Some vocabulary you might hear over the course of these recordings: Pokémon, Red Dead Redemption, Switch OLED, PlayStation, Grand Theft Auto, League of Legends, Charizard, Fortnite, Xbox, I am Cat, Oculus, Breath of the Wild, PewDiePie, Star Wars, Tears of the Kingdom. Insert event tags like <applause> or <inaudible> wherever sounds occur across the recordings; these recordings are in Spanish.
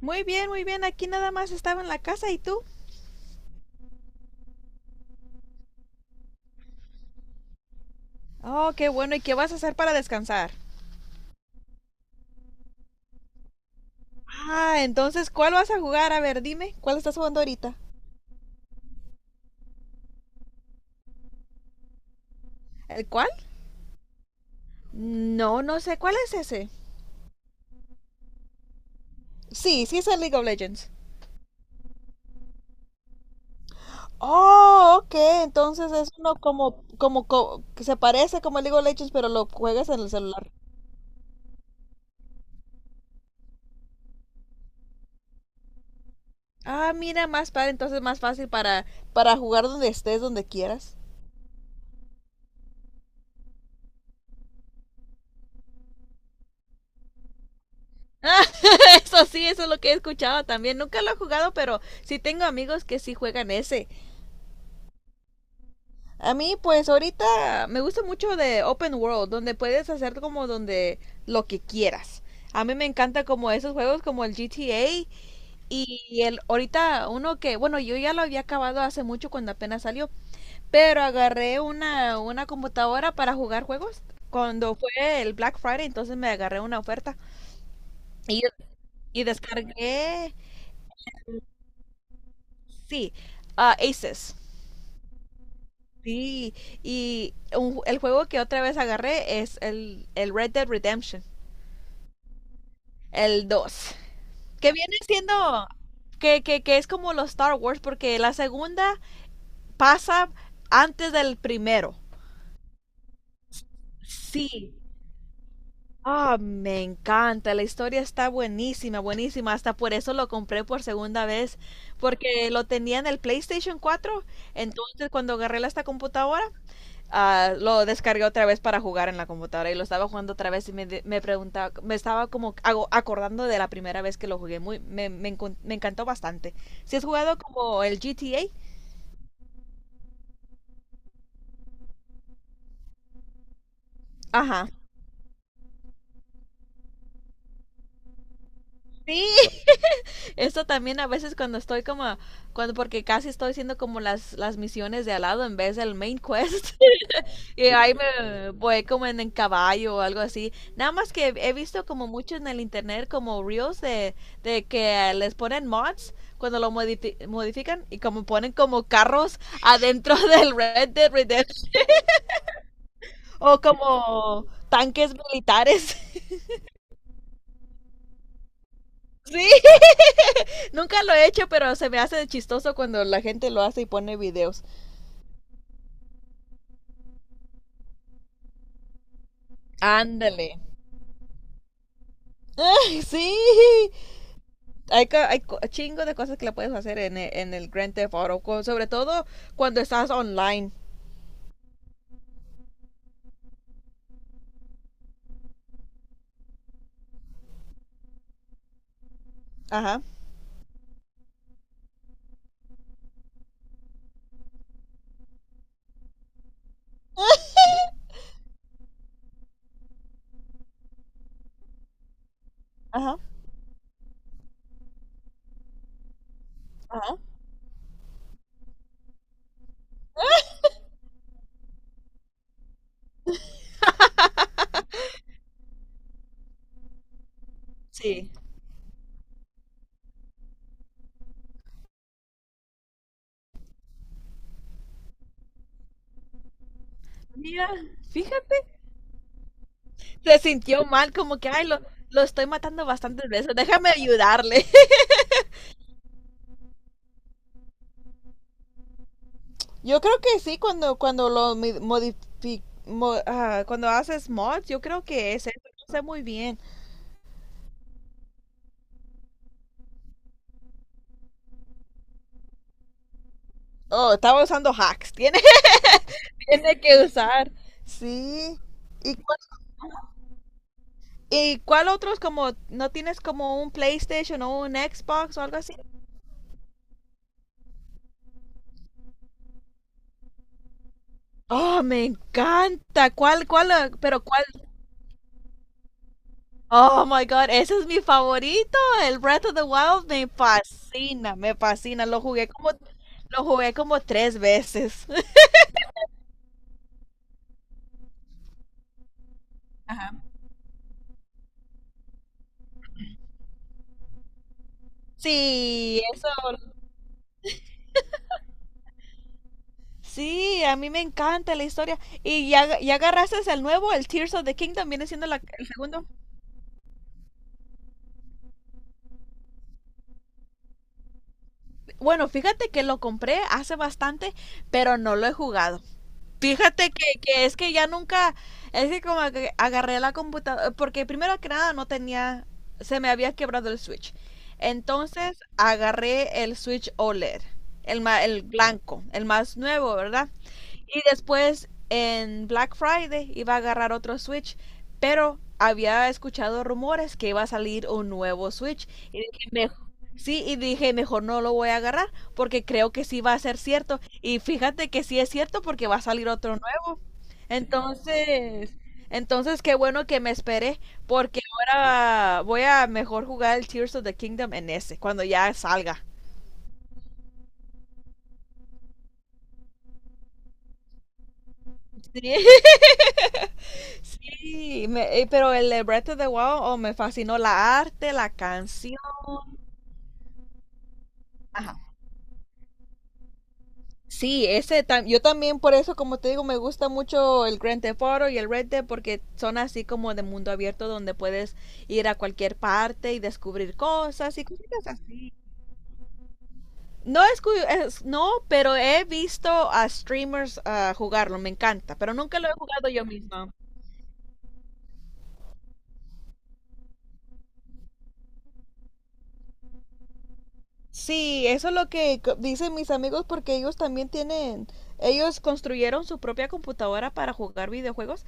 Muy bien, muy bien. Aquí nada más estaba en la casa. ¿Y tú? Oh, qué bueno. ¿Y qué vas a hacer para descansar? Ah, entonces, ¿cuál vas a jugar? A ver, dime, ¿cuál estás jugando ahorita? ¿El cuál? No, no sé. ¿Cuál es ese? Sí, sí es el League of Legends. Oh, ok. Entonces es uno que se parece como el League of Legends, pero lo juegas en el celular. Ah, mira, más padre, entonces más fácil para jugar donde estés, donde quieras. Ah, <laughs> eso sí, eso es lo que he escuchado también. Nunca lo he jugado, pero sí tengo amigos que sí juegan ese. A mí, pues ahorita me gusta mucho de Open World, donde puedes hacer como donde lo que quieras. A mí me encanta como esos juegos como el GTA y el ahorita uno que, bueno, yo ya lo había acabado hace mucho cuando apenas salió, pero agarré una computadora para jugar juegos cuando fue el Black Friday. Entonces me agarré una oferta y, y descargué. Sí, ah, Aces. Sí, y el juego que otra vez agarré es el Red Dead Redemption, el dos, que viene siendo, que es como los Star Wars, porque la segunda pasa antes del primero. Sí. Ah, me encanta, la historia está buenísima, buenísima, hasta por eso lo compré por segunda vez, porque lo tenía en el PlayStation cuatro. Entonces cuando agarré la esta computadora, ah, lo descargué otra vez para jugar en la computadora y lo estaba jugando otra vez y me preguntaba, me estaba como hago acordando de la primera vez que lo jugué. Muy, me, encon- Me encantó bastante. Si has jugado como el GTA, ajá. Sí, <laughs> esto también a veces cuando estoy como, cuando porque casi estoy haciendo como las misiones de al lado en vez del main quest. Y ahí me voy como en caballo o algo así. Nada más que he visto como mucho en el internet como reels de que les ponen mods cuando modifican y como ponen como carros adentro <laughs> del Red Dead Redemption o como tanques militares. <laughs> Sí, nunca lo he hecho, pero se me hace chistoso cuando la gente lo hace y pone videos. Ándale. Ay, sí, hay chingo de cosas que le puedes hacer en el Grand Theft Auto, sobre todo cuando estás online. Ajá. <laughs> Ajá. Ajá. Sí. Mira, fíjate. Se sintió mal, como que, ay, lo estoy matando bastantes veces, déjame ayudarle. <laughs> Yo creo que sí, cuando lo mi- mo- ah, cuando haces mods, yo creo que es eso, no sé muy bien. Oh, estaba usando hacks, <laughs> tiene que usar. Sí. ¿Y cuál- ¿Y cuál otros como no tienes como un PlayStation o un Xbox o algo así? Oh, me encanta. ¿Pero cuál? Oh my God, ese es mi favorito. El Breath of the Wild me fascina, me fascina. Lo jugué como tres veces. <laughs> Ajá. Sí, eso. Sí, a mí me encanta la historia. Y ya, ya agarraste el nuevo, el Tears of the Kingdom, viene siendo el segundo. Bueno, fíjate que lo compré hace bastante, pero no lo he jugado. Fíjate que es que ya nunca, es que como que agarré la computadora, porque primero que nada no tenía, se me había quebrado el Switch. Entonces agarré el Switch OLED, el blanco, el más nuevo, ¿verdad? Y después en Black Friday iba a agarrar otro Switch, pero había escuchado rumores que iba a salir un nuevo Switch. Y dije, sí, y dije, mejor no lo voy a agarrar porque creo que sí va a ser cierto. Y fíjate que sí es cierto porque va a salir otro nuevo. Entonces, entonces qué bueno que me esperé porque ahora voy a mejor jugar el Tears of the Kingdom en ese, cuando ya salga. Sí, <laughs> sí, pero el de Breath of the Wild, oh, me fascinó la arte, la canción. Sí, ese tam yo también por eso, como te digo, me gusta mucho el Grand Theft Auto y el Red Dead porque son así como de mundo abierto donde puedes ir a cualquier parte y descubrir cosas y cosas así. No, pero he visto a streamers ah, jugarlo, me encanta, pero nunca lo he jugado yo misma. Sí, eso es lo que dicen mis amigos porque ellos también tienen, ellos construyeron su propia computadora para jugar videojuegos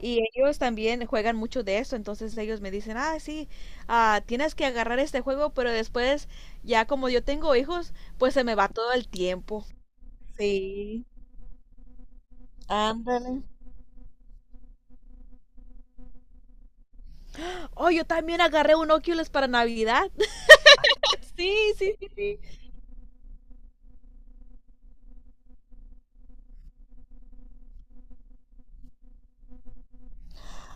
y ellos también juegan mucho de eso, entonces ellos me dicen, ah, sí, ah, tienes que agarrar este juego, pero después ya como yo tengo hijos, pues se me va todo el tiempo. Sí, ándale. Oh, yo también agarré un Oculus para Navidad. <laughs> Sí, sí, sí, sí.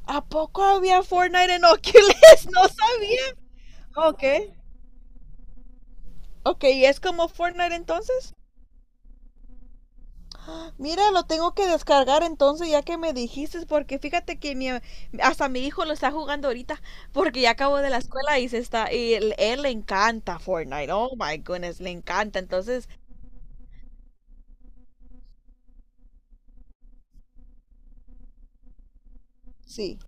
¿A poco había Fortnite en Oculus? <laughs> No sabía. Ok. Ok, ¿y es como Fortnite entonces? Mira, lo tengo que descargar entonces ya que me dijiste, porque fíjate que mi, hasta mi hijo lo está jugando ahorita, porque ya acabó de la escuela y se está, y él le encanta Fortnite, oh my goodness, le encanta, entonces, sí,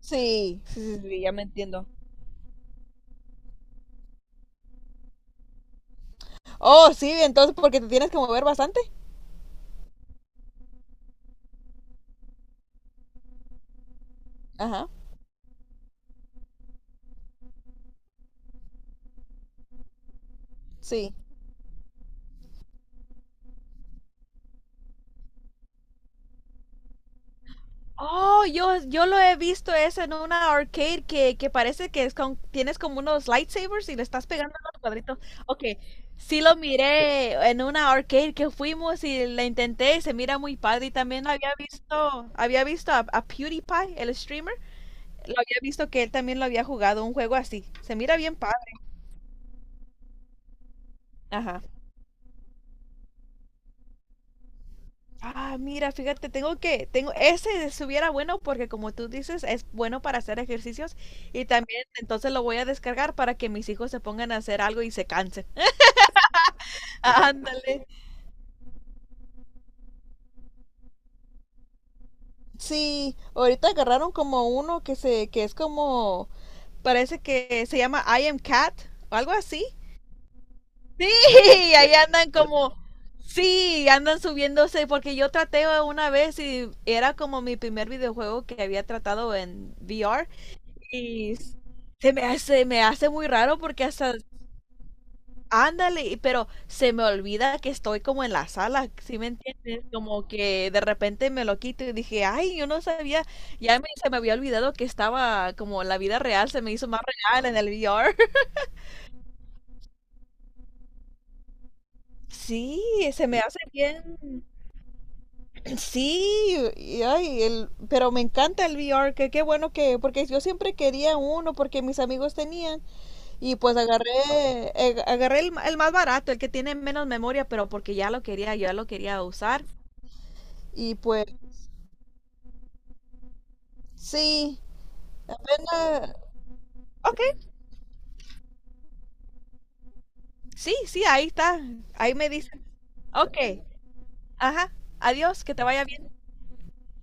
sí, sí, sí, sí, ya me entiendo. Oh, sí, entonces porque te tienes que mover bastante. Ajá, sí. Oh, yo lo he visto eso en una arcade que parece que es tienes como unos lightsabers y le estás pegando a los cuadritos. Ok, sí lo miré en una arcade que fuimos y la intenté y se mira muy padre. Y también había visto a PewDiePie, el streamer, lo había visto que él también lo había jugado un juego así. Se mira bien padre. Ajá. Ah, mira, fíjate, tengo, ese estuviera bueno porque como tú dices, es bueno para hacer ejercicios y también entonces lo voy a descargar para que mis hijos se pongan a hacer algo y se cansen. <laughs> Ándale. Sí, ahorita agarraron como uno que es como, parece que se llama I am Cat o algo así. Sí, <laughs> ahí andan como, sí, andan subiéndose porque yo traté una vez y era como mi primer videojuego que había tratado en VR. Y s- Se me hace muy raro porque hasta, ándale, pero se me olvida que estoy como en la sala, ¿sí me entiendes? Como que de repente me lo quito y dije, ay, yo no sabía, se me había olvidado que estaba como en la vida real, se me hizo más real en el VR. <laughs> Sí, se me hace bien. Sí, y ay, el, pero me encanta el VR, que qué bueno que, porque yo siempre quería uno, porque mis amigos tenían, y pues agarré, agarré el más barato, el que tiene menos memoria, pero porque ya lo quería usar. Y pues sí, apenas... Ok, sí, sí, ahí está. Ahí me dicen. Ok, ajá. Adiós, que te vaya bien.